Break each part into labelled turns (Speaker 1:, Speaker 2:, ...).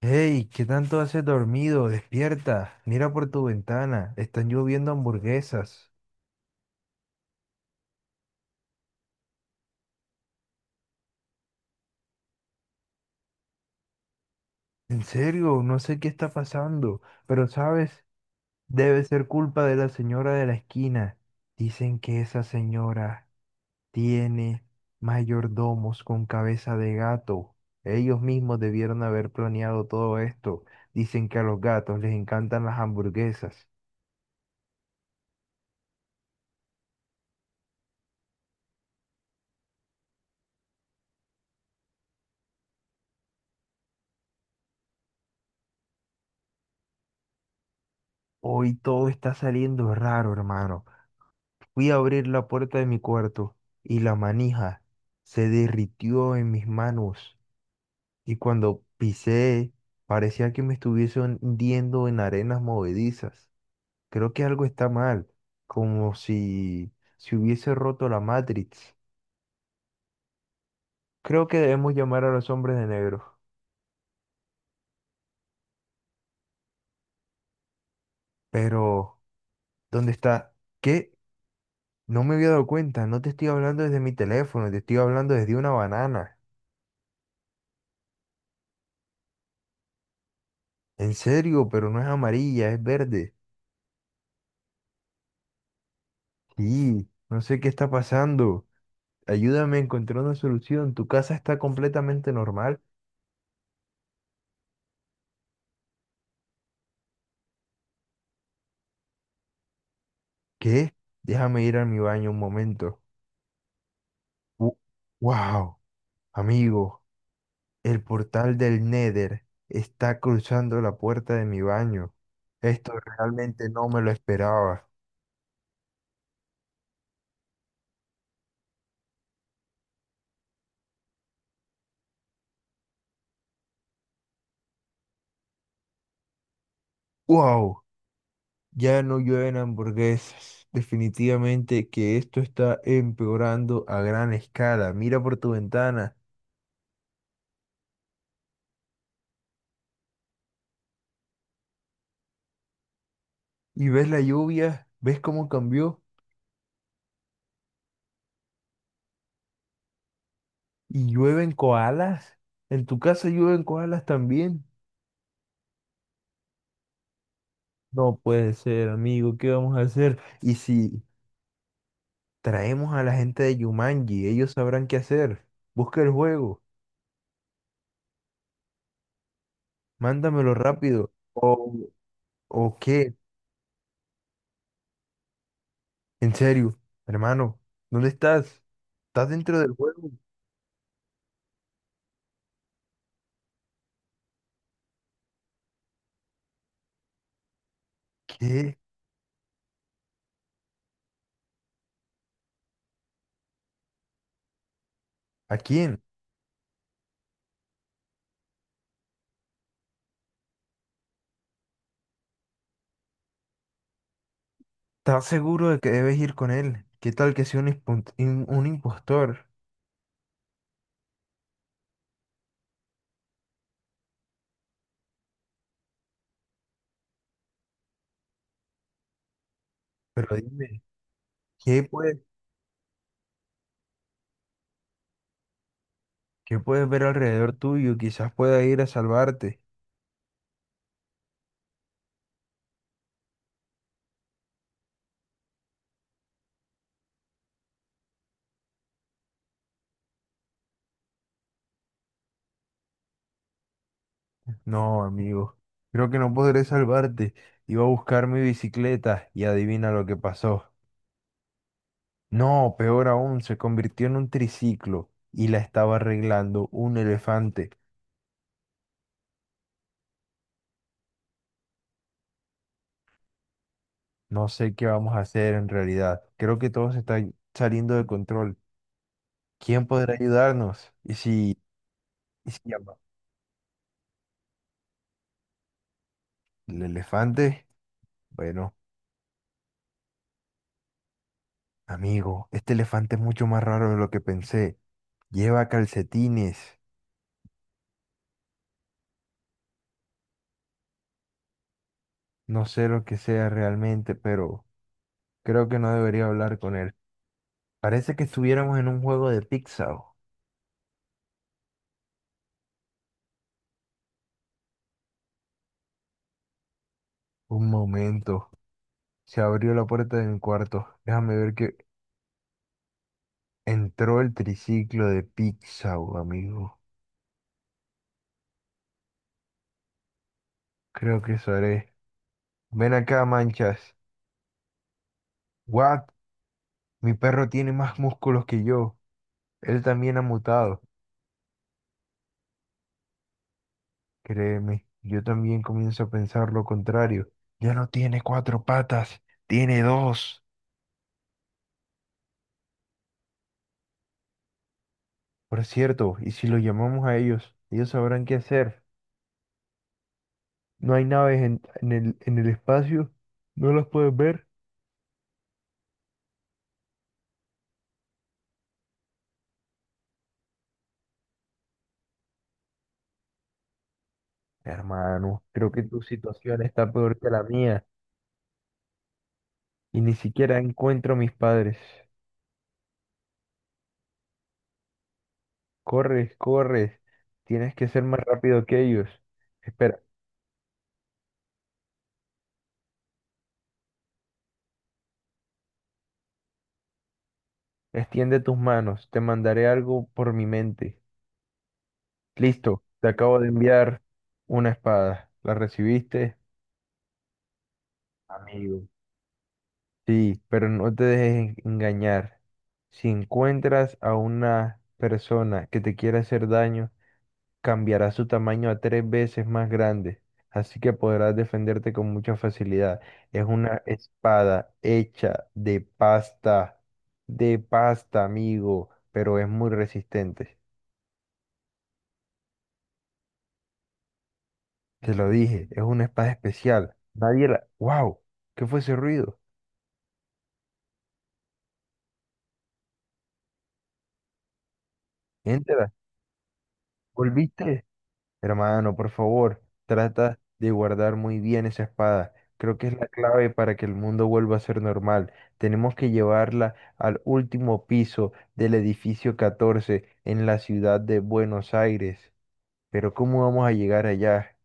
Speaker 1: Hey, ¿qué tanto haces dormido? Despierta, mira por tu ventana, están lloviendo hamburguesas. En serio, no sé qué está pasando, pero sabes, debe ser culpa de la señora de la esquina. Dicen que esa señora tiene mayordomos con cabeza de gato. Ellos mismos debieron haber planeado todo esto. Dicen que a los gatos les encantan las hamburguesas. Hoy todo está saliendo raro, hermano. Fui a abrir la puerta de mi cuarto y la manija se derritió en mis manos y cuando pisé parecía que me estuviese hundiendo en arenas movedizas. Creo que algo está mal, como si se hubiese roto la Matrix. Creo que debemos llamar a los hombres de negro. Pero, ¿dónde está? ¿Qué? No me había dado cuenta, no te estoy hablando desde mi teléfono, te estoy hablando desde una banana. En serio, pero no es amarilla, es verde. Sí, no sé qué está pasando. Ayúdame a encontrar una solución. Tu casa está completamente normal. ¿Qué? Déjame ir a mi baño un momento. Wu- wow, amigo, el portal del Nether está cruzando la puerta de mi baño. Esto realmente no me lo esperaba. Wow, ya no llueven hamburguesas. Definitivamente que esto está empeorando a gran escala. Mira por tu ventana y ves la lluvia, ¿ves cómo cambió? ¿Y llueven koalas? ¿En tu casa llueven koalas también? No puede ser, amigo, ¿qué vamos a hacer? ¿Y si traemos a la gente de Yumanji? Ellos sabrán qué hacer. Busca el juego, mándamelo rápido. O qué? En serio, hermano, ¿dónde estás? ¿Estás dentro del juego? ¿Qué? ¿A quién? ¿Estás seguro de que debes ir con él? ¿Qué tal que sea un, impun- un impostor? Pero dime, ¿qué puedes, qué puedes ver alrededor tuyo? Quizás pueda ir a salvarte. No, amigo, creo que no podré salvarte. Iba a buscar mi bicicleta y adivina lo que pasó. No, peor aún, se convirtió en un triciclo y la estaba arreglando un elefante. No sé qué vamos a hacer en realidad. Creo que todo se está saliendo de control. ¿Quién podrá ayudarnos? Y si llama el elefante? Bueno, amigo, este elefante es mucho más raro de lo que pensé. Lleva calcetines. No sé lo que sea realmente, pero... Creo que no debería hablar con él. Parece que estuviéramos en un juego de Pixar. Un momento. Se abrió la puerta de mi cuarto. Déjame ver que entró el triciclo de Pixar, amigo. Creo que eso haré. Ven acá, manchas. What? Mi perro tiene más músculos que yo. Él también ha mutado. Créeme, yo también comienzo a pensar lo contrario. Ya no tiene cuatro patas, tiene dos. Por cierto, ¿y si lo llamamos a ellos? Ellos sabrán qué hacer. No hay naves en el espacio, no las puedes ver. Hermano, creo que tu situación está peor que la mía y ni siquiera encuentro a mis padres. Corres, corres, tienes que ser más rápido que ellos. Espera, extiende tus manos, te mandaré algo por mi mente. Listo, te acabo de enviar una espada. ¿La recibiste? Amigo. Sí, pero no te dejes engañar. Si encuentras a una persona que te quiere hacer daño, cambiará su tamaño a tres veces más grande, así que podrás defenderte con mucha facilidad. Es una espada hecha de pasta, amigo, pero es muy resistente. Te lo dije, es una espada especial. Nadie la... ¡Wow! ¿Qué fue ese ruido? Entra, ¿volviste? Hermano, por favor, trata de guardar muy bien esa espada. Creo que es la clave para que el mundo vuelva a ser normal. Tenemos que llevarla al último piso del edificio 14 en la ciudad de Buenos Aires. Pero ¿cómo vamos a llegar allá?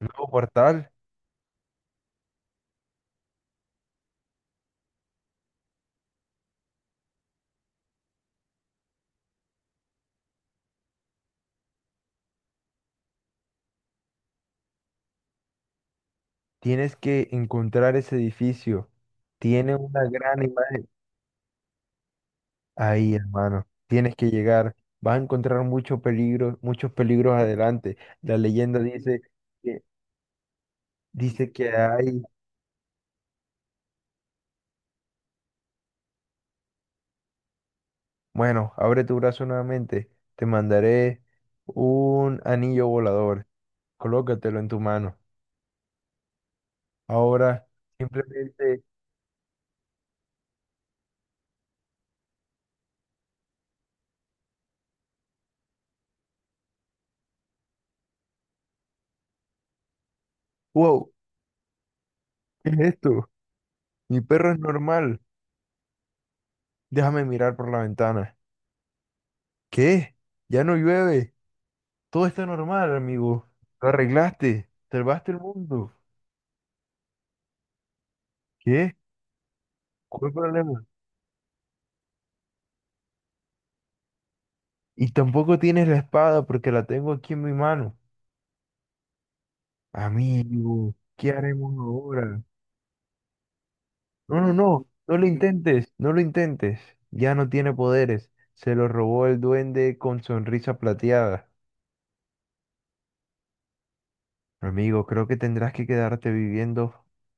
Speaker 1: Nuevo portal, tienes que encontrar ese edificio. Tiene una gran imagen. Ahí, hermano, tienes que llegar. Vas a encontrar mucho peligro, muchos peligros adelante. La leyenda dice que dice que hay. Bueno, abre tu brazo nuevamente. Te mandaré un anillo volador. Colócatelo en tu mano. Ahora, simplemente. ¡Wow! ¿Qué es esto? Mi perro es normal. Déjame mirar por la ventana. ¿Qué? Ya no llueve. Todo está normal, amigo. Lo arreglaste. Salvaste el mundo. ¿Qué? ¿Cuál problema? Y tampoco tienes la espada porque la tengo aquí en mi mano. Amigo, ¿qué haremos ahora? No, no, no, no lo intentes, no lo intentes. Ya no tiene poderes. Se lo robó el duende con sonrisa plateada. Amigo, creo que tendrás que quedarte viviendo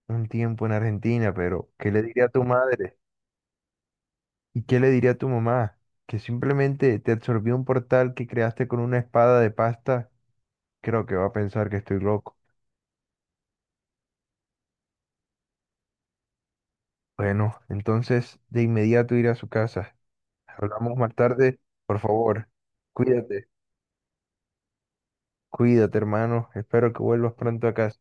Speaker 1: un tiempo en Argentina, pero ¿qué le diría a tu madre? ¿Y qué le diría a tu mamá? Que simplemente te absorbió un portal que creaste con una espada de pasta. Creo que va a pensar que estoy loco. Bueno, entonces de inmediato ir a su casa. Hablamos más tarde, por favor. Cuídate, cuídate, hermano. Espero que vuelvas pronto a casa.